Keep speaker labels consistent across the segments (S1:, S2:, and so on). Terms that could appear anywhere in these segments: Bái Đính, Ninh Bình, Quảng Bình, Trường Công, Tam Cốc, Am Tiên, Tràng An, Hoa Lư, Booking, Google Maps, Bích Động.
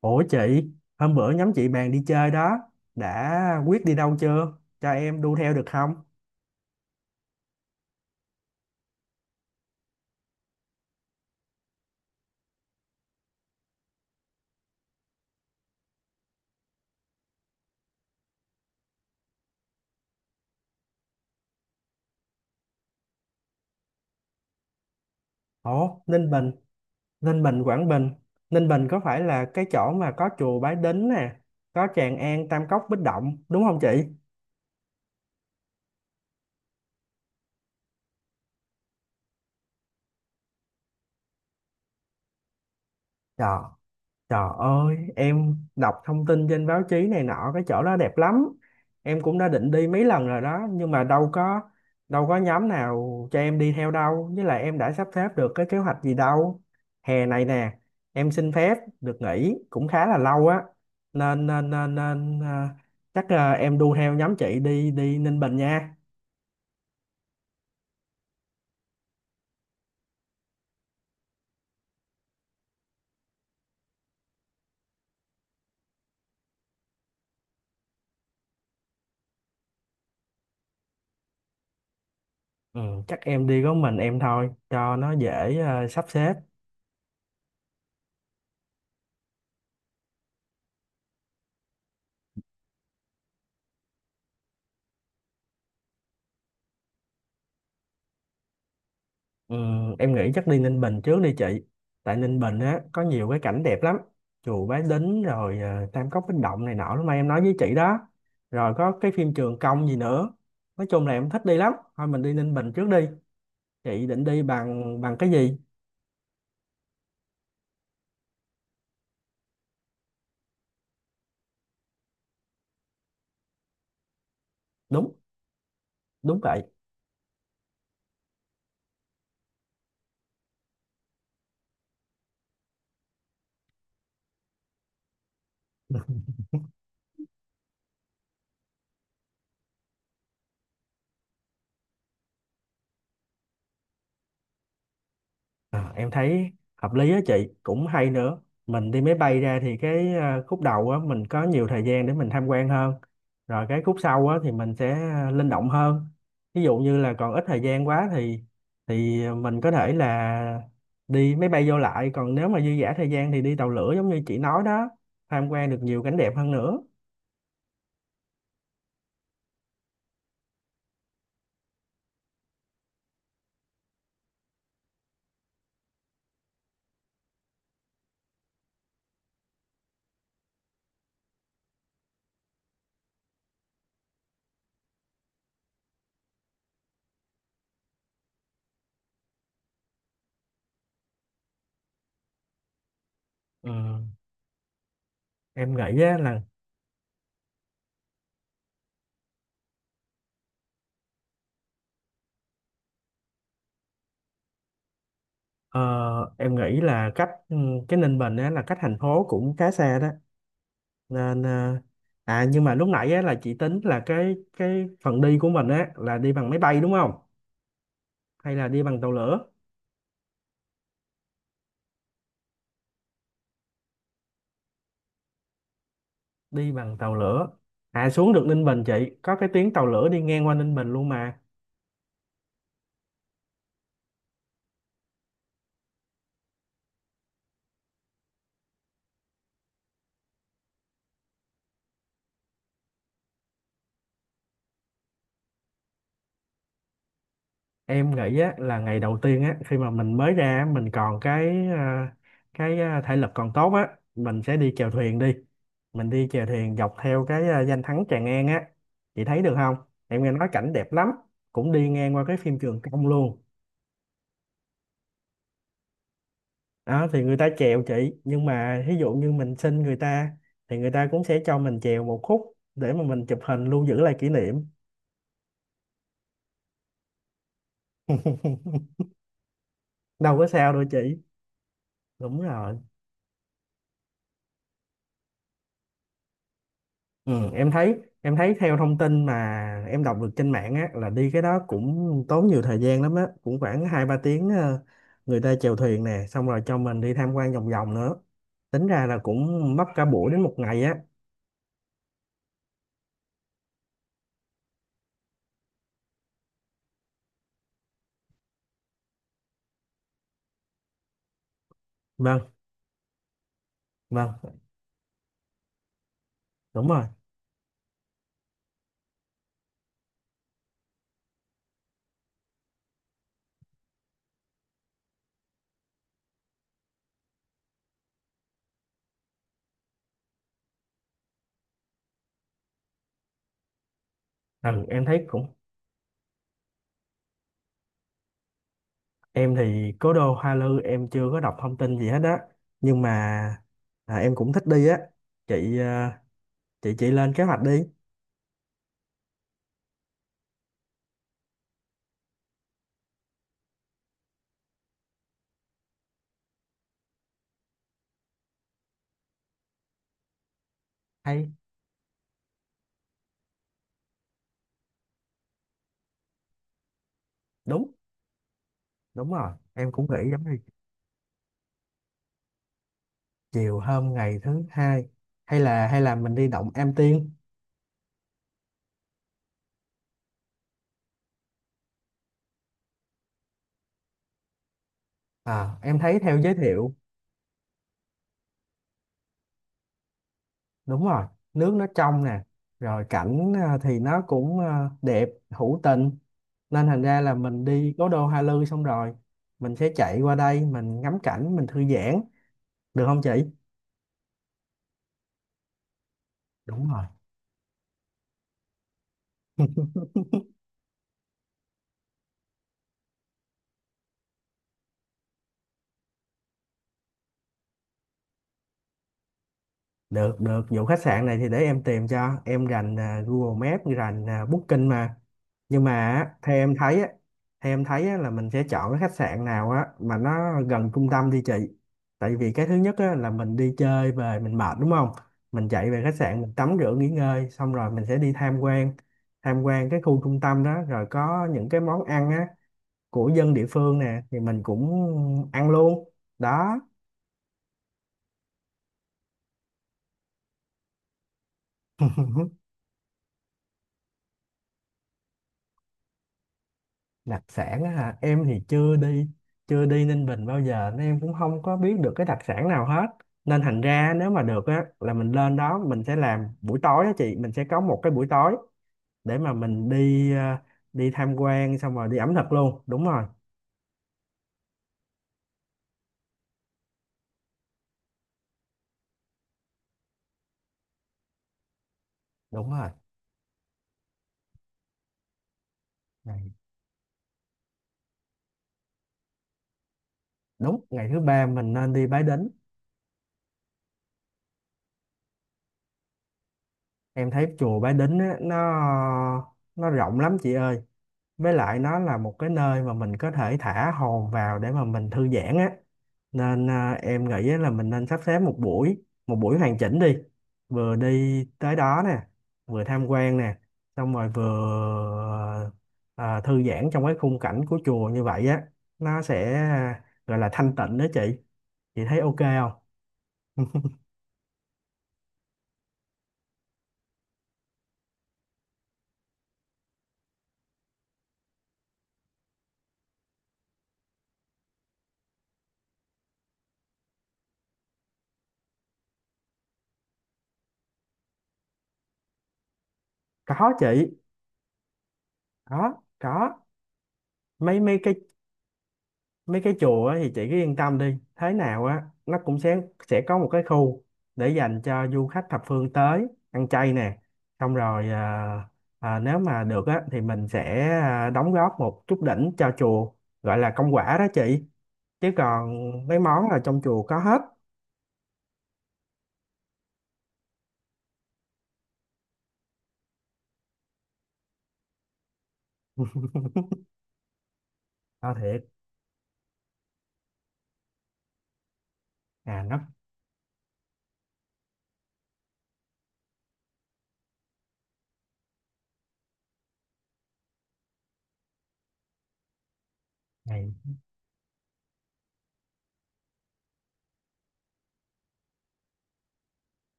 S1: Ủa chị, hôm bữa nhóm chị bàn đi chơi đó, đã quyết đi đâu chưa? Cho em đu theo được không? Ủa, Ninh Bình, Ninh Bình, Quảng Bình. Ninh Bình có phải là cái chỗ mà có chùa Bái Đính nè, có Tràng An, Tam Cốc, Bích Động, đúng không chị? Trời Trời ơi, em đọc thông tin trên báo chí này nọ cái chỗ đó đẹp lắm. Em cũng đã định đi mấy lần rồi đó, nhưng mà đâu có nhóm nào cho em đi theo đâu, với lại em đã sắp xếp được cái kế hoạch gì đâu. Hè này nè, em xin phép được nghỉ cũng khá là lâu á. Nên chắc em đu theo nhóm chị đi đi Ninh Bình nha. Ừ, chắc em đi có mình em thôi cho nó dễ sắp xếp. Ừ, em nghĩ chắc đi Ninh Bình trước đi chị. Tại Ninh Bình á có nhiều cái cảnh đẹp lắm, chùa Bái Đính rồi Tam Cốc Bích Động này nọ lúc mà em nói với chị đó, rồi có cái phim Trường Công gì nữa. Nói chung là em thích đi lắm, thôi mình đi Ninh Bình trước đi. Chị định đi bằng bằng cái gì? Đúng đúng vậy. À, em thấy hợp lý á chị, cũng hay nữa. Mình đi máy bay ra thì cái khúc đầu á mình có nhiều thời gian để mình tham quan hơn, rồi cái khúc sau á thì mình sẽ linh động hơn. Ví dụ như là còn ít thời gian quá thì mình có thể là đi máy bay vô lại, còn nếu mà dư dả thời gian thì đi tàu lửa giống như chị nói đó, tham quan được nhiều cảnh đẹp hơn nữa. Ừ, em nghĩ á là ờ, em nghĩ là cách cái Ninh Bình á là cách thành phố cũng khá xa đó nên. à Nhưng mà lúc nãy á, là chị tính là cái phần đi của mình á là đi bằng máy bay đúng không, hay là đi bằng tàu lửa? Đi bằng tàu lửa. À, xuống được Ninh Bình chị, có cái tuyến tàu lửa đi ngang qua Ninh Bình luôn mà. Em nghĩ á là ngày đầu tiên á, khi mà mình mới ra á, mình còn cái thể lực còn tốt á, mình sẽ đi chèo thuyền đi. Mình đi chèo thuyền dọc theo cái danh thắng Tràng An á, chị thấy được không? Em nghe nói cảnh đẹp lắm, cũng đi ngang qua cái phim Trường Công luôn. Đó thì người ta chèo chị, nhưng mà ví dụ như mình xin người ta thì người ta cũng sẽ cho mình chèo một khúc để mà mình chụp hình lưu giữ lại kỷ niệm. Đâu có sao đâu chị. Đúng rồi. Ừ, em thấy theo thông tin mà em đọc được trên mạng á là đi cái đó cũng tốn nhiều thời gian lắm á, cũng khoảng 2-3 tiếng người ta chèo thuyền nè, xong rồi cho mình đi tham quan vòng vòng nữa, tính ra là cũng mất cả buổi đến một ngày á. Vâng, vâng. Đúng rồi. Ừ, em thấy cũng. Em thì cố đô Hoa Lư em chưa có đọc thông tin gì hết á, nhưng mà em cũng thích đi á chị. Chị lên kế hoạch đi. Hay. Đúng đúng rồi, em cũng nghĩ giống như. Chiều hôm ngày thứ hai, hay là mình đi động Am Tiên. À, em thấy theo giới thiệu. Đúng rồi, nước nó trong nè, rồi cảnh thì nó cũng đẹp hữu tình. Nên thành ra là mình đi cố đô Hoa Lư xong rồi mình sẽ chạy qua đây mình ngắm cảnh mình thư giãn, được không chị? Đúng rồi. Được, được. Vụ khách sạn này thì để em tìm cho. Em rành Google Maps, rành Booking mà. Nhưng mà á, theo em thấy á, là mình sẽ chọn cái khách sạn nào á mà nó gần trung tâm đi chị. Tại vì cái thứ nhất á, là mình đi chơi về mình mệt đúng không? Mình chạy về khách sạn mình tắm rửa nghỉ ngơi xong rồi mình sẽ đi tham quan, tham quan cái khu trung tâm đó, rồi có những cái món ăn á của dân địa phương nè thì mình cũng ăn luôn. Đó. Đặc sản á hả, em thì chưa đi Ninh Bình bao giờ nên em cũng không có biết được cái đặc sản nào hết. Nên thành ra nếu mà được á là mình lên đó mình sẽ làm buổi tối á chị, mình sẽ có một cái buổi tối để mà mình đi tham quan xong rồi đi ẩm thực luôn. Đúng rồi. Đúng rồi. Ngày, đúng ngày thứ ba mình nên đi Bái Đính. Em thấy chùa Bái Đính á, nó rộng lắm chị ơi, với lại nó là một cái nơi mà mình có thể thả hồn vào để mà mình thư giãn á. Nên em nghĩ á là mình nên sắp xếp một buổi hoàn chỉnh đi, vừa đi tới đó nè, vừa tham quan nè, xong rồi vừa thư giãn trong cái khung cảnh của chùa như vậy á, nó sẽ gọi là thanh tịnh đó chị. Chị thấy ok không? Có chị. Có, có. Mấy mấy cái, mấy cái chùa á thì chị cứ yên tâm đi, thế nào á nó cũng sẽ có một cái khu để dành cho du khách thập phương tới ăn chay nè, xong rồi nếu mà được á thì mình sẽ đóng góp một chút đỉnh cho chùa gọi là công quả đó chị. Chứ còn mấy món là trong chùa có hết. À, thiệt. À, nó này.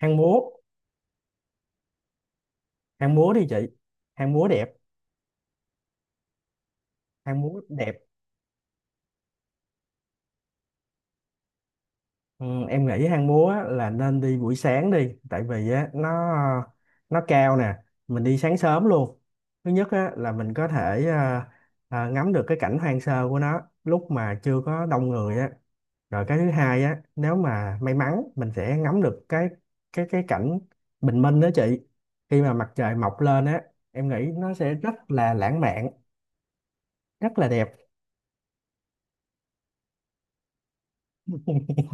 S1: Hang múa hang múa đi chị. Hang múa đẹp hang múa đẹp Ừ, em nghĩ hang múa á, là nên đi buổi sáng đi, tại vì á nó cao nè. Mình đi sáng sớm luôn, thứ nhất á là mình có thể ngắm được cái cảnh hoang sơ của nó lúc mà chưa có đông người á, rồi cái thứ hai á nếu mà may mắn mình sẽ ngắm được cái cảnh bình minh đó chị, khi mà mặt trời mọc lên á. Em nghĩ nó sẽ rất là lãng mạn, rất là đẹp.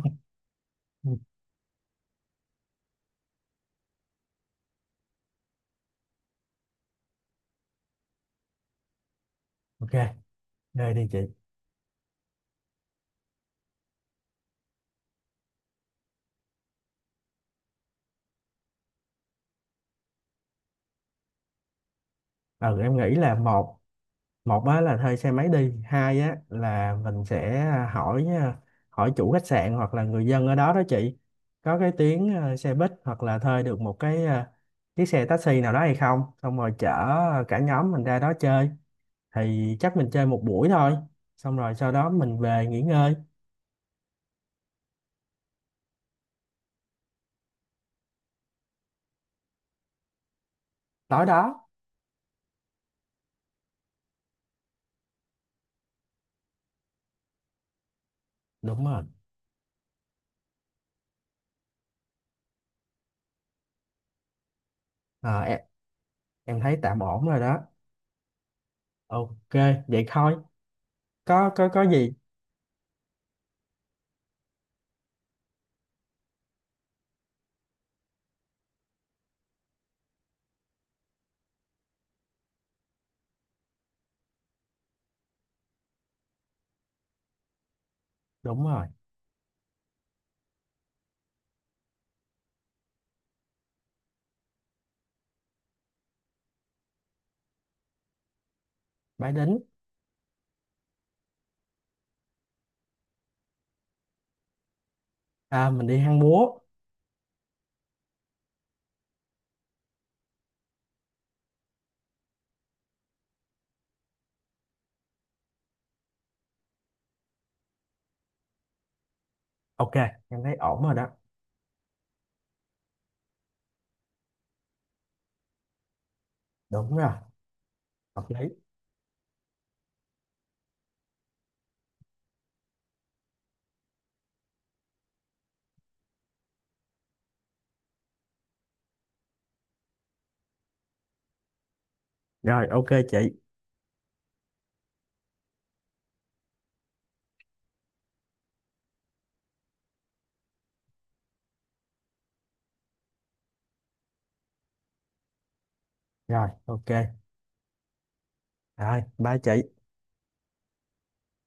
S1: Ok. Đây đi chị. Ừ, em nghĩ là một một á là thuê xe máy đi, hai á là mình sẽ hỏi hỏi chủ khách sạn hoặc là người dân ở đó đó chị, có cái tuyến xe buýt hoặc là thuê được một cái chiếc xe taxi nào đó hay không, xong rồi chở cả nhóm mình ra đó chơi. Thì chắc mình chơi một buổi thôi, xong rồi sau đó mình về nghỉ ngơi. Tối đó. Đúng rồi. Ờ, em thấy tạm ổn rồi đó. Ok. Vậy thôi, có gì. Đúng rồi. Bái Đính. À, mình đi hang múa. Ok, em thấy ổn rồi đó. Đúng rồi. Hợp lý. Rồi ok chị. Rồi ok. Rồi bye chị.